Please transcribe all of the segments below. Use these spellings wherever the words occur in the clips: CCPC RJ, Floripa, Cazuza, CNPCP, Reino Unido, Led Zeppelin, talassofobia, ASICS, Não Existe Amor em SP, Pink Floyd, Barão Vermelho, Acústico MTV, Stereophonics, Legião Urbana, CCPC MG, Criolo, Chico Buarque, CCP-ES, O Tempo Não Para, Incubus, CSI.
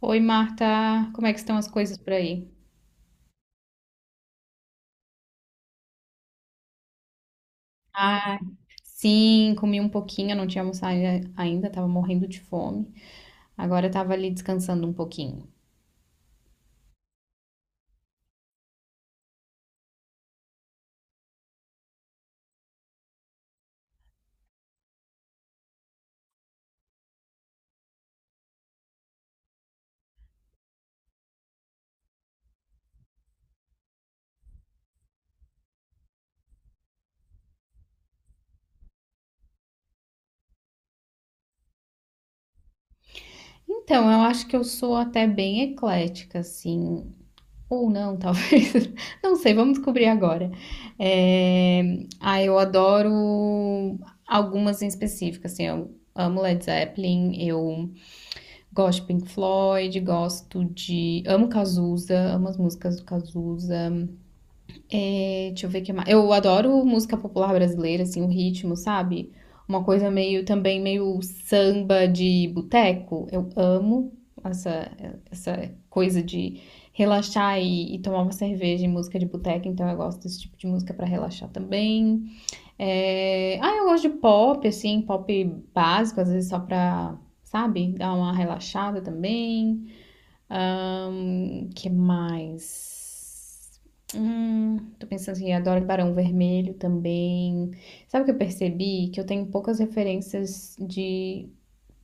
Oi, Marta, como é que estão as coisas por aí? Ah, sim, comi um pouquinho, eu não tinha almoçado ainda, tava morrendo de fome. Agora eu tava ali descansando um pouquinho. Então, eu acho que eu sou até bem eclética, assim. Ou não, talvez. Não sei, vamos descobrir agora. É, eu adoro algumas em específico, assim, eu amo Led Zeppelin, eu gosto de Pink Floyd, gosto de... Amo Cazuza, amo as músicas do Cazuza. Deixa eu ver o que mais. Eu adoro música popular brasileira, assim, o ritmo, sabe? Uma coisa meio também meio samba de boteco. Eu amo essa, essa coisa de relaxar e tomar uma cerveja em música de boteco, então eu gosto desse tipo de música pra relaxar também. Eu gosto de pop, assim, pop básico, às vezes só pra, sabe, dar uma relaxada também. Ah, o que mais? Tô pensando assim, adoro Barão Vermelho também. Sabe o que eu percebi? Que eu tenho poucas referências de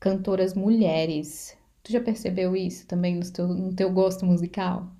cantoras mulheres. Tu já percebeu isso também no teu gosto musical?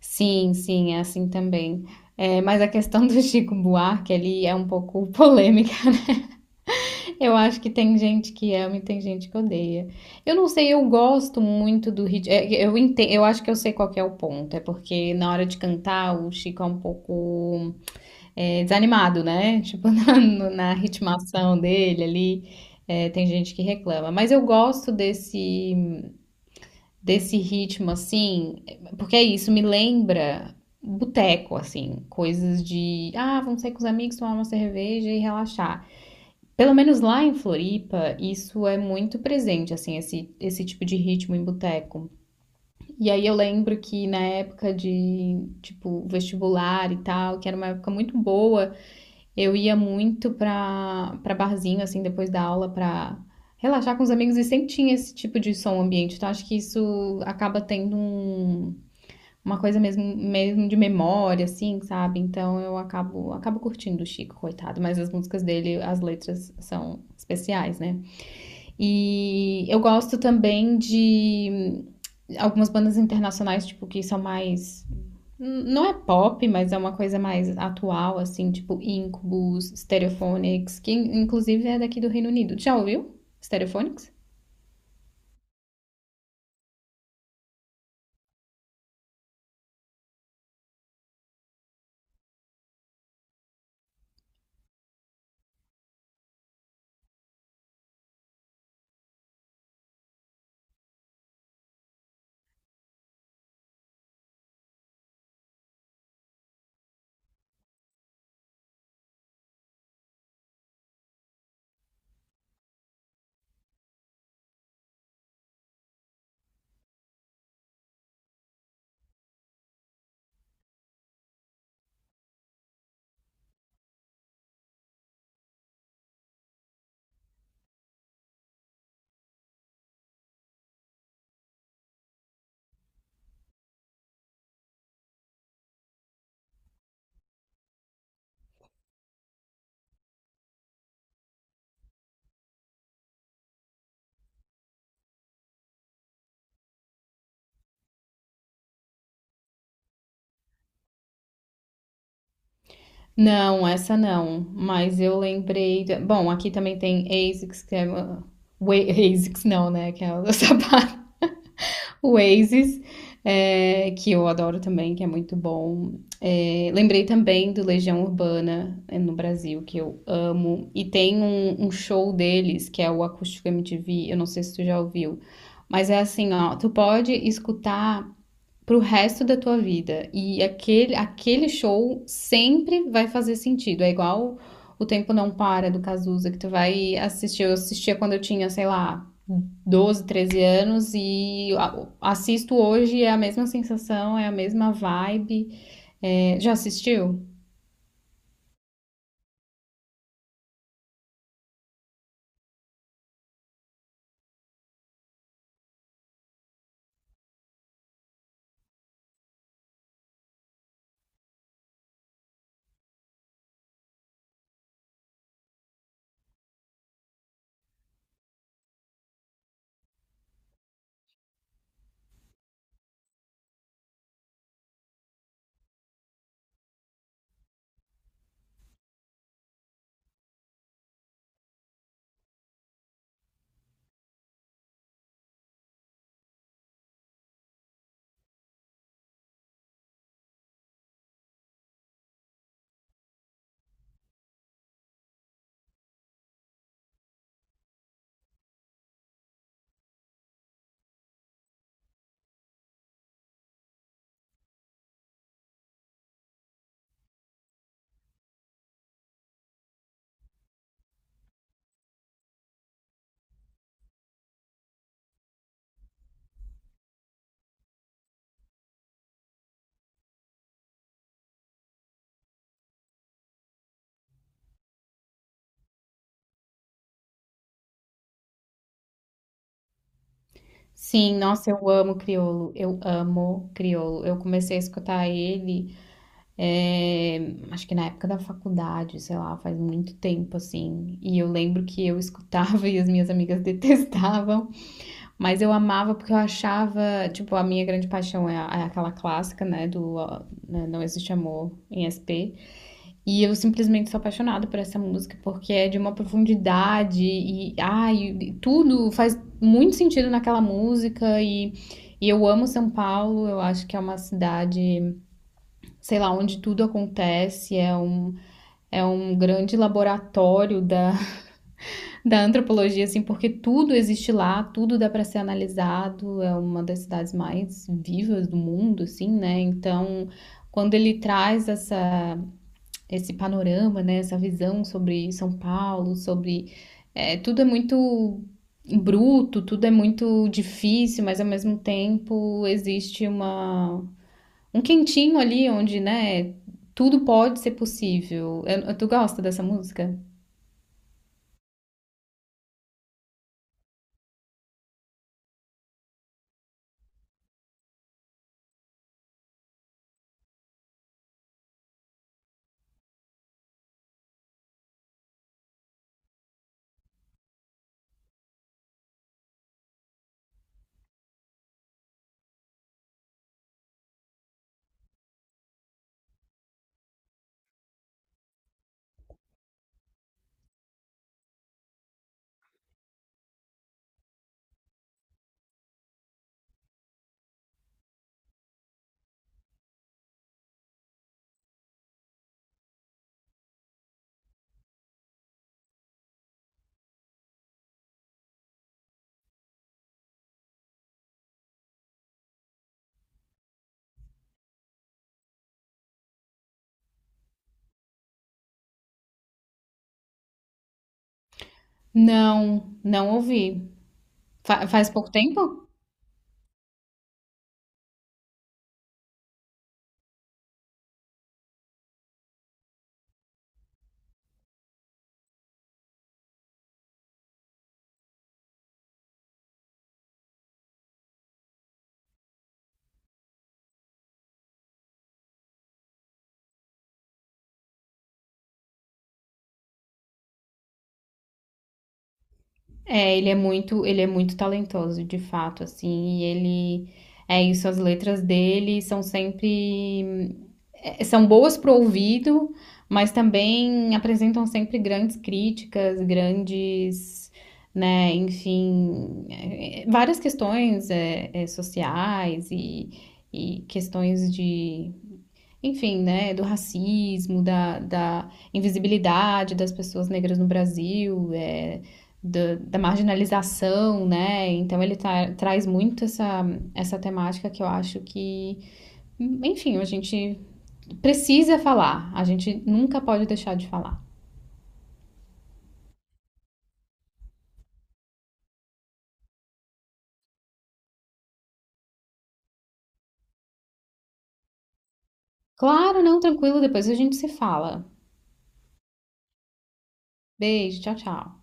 Sim, sim, é assim também. É, mas a questão do Chico Buarque ali é um pouco polêmica. Eu acho que tem gente que ama e tem gente que odeia. Eu não sei, eu gosto muito do ritmo. Eu entendo, eu acho que eu sei qual que é o ponto. É porque na hora de cantar o Chico é um pouco desanimado, né? Tipo, na, no- na ritmação dele ali, tem gente que reclama. Mas eu gosto desse ritmo, assim, porque é isso, me lembra boteco, assim, coisas de, ah, vamos sair com os amigos, tomar uma cerveja e relaxar. Pelo menos lá em Floripa, isso é muito presente, assim, esse tipo de ritmo em boteco. E aí eu lembro que na época de, tipo, vestibular e tal, que era uma época muito boa, eu ia muito pra barzinho, assim, depois da aula pra relaxar com os amigos e sempre tinha esse tipo de som ambiente. Então acho que isso acaba tendo uma coisa mesmo, mesmo de memória, assim, sabe? Então eu acabo curtindo o Chico, coitado, mas as músicas dele, as letras são especiais, né? E eu gosto também de algumas bandas internacionais, tipo, que são mais. Não é pop, mas é uma coisa mais atual, assim, tipo Incubus, Stereophonics, que inclusive é daqui do Reino Unido. Já ouviu? Stereophonics? Não, essa não. Mas eu lembrei. Bom, aqui também tem ASICS, que é. ASICS não, né? Que é o sapato. O Asics, é, que eu adoro também, que é muito bom. É, lembrei também do Legião Urbana no Brasil, que eu amo. E tem um show deles, que é o Acústico MTV. Eu não sei se tu já ouviu. Mas é assim, ó, tu pode escutar pro resto da tua vida. E aquele show sempre vai fazer sentido. É igual O Tempo Não Para, do Cazuza, que tu vai assistir. Eu assistia quando eu tinha, sei lá, 12, 13 anos e assisto hoje, é a mesma sensação, é a mesma vibe. É, já assistiu? Sim, nossa, eu amo Criolo, eu amo Criolo. Eu comecei a escutar ele. É, acho que na época da faculdade, sei lá, faz muito tempo assim. E eu lembro que eu escutava e as minhas amigas detestavam, mas eu amava porque eu achava, tipo, a minha grande paixão é aquela clássica, né, Não Existe Amor em SP. E eu simplesmente sou apaixonada por essa música porque é de uma profundidade e, ai, e tudo faz muito sentido naquela música e. E eu amo São Paulo, eu acho que é uma cidade, sei lá, onde tudo acontece, é é um grande laboratório da, da antropologia, assim, porque tudo existe lá, tudo dá para ser analisado, é uma das cidades mais vivas do mundo, assim, né? Então, quando ele traz esse panorama, né, essa visão sobre São Paulo, sobre. Tudo é muito bruto, tudo é muito difícil, mas ao mesmo tempo existe uma um quentinho ali onde, né, tudo pode ser possível. Tu gosta dessa música? Não, não ouvi. Faz pouco tempo? É, ele é muito talentoso, de fato, assim, e ele é isso, as letras dele são sempre são boas para o ouvido, mas também apresentam sempre grandes críticas, grandes, né, enfim, várias questões sociais e questões de, enfim, né, do racismo, da invisibilidade das pessoas negras no Brasil, é, da marginalização, né? Então ele traz muito essa temática que eu acho que, enfim, a gente precisa falar. A gente nunca pode deixar de falar. Claro, não, tranquilo, depois a gente se fala. Beijo, tchau, tchau.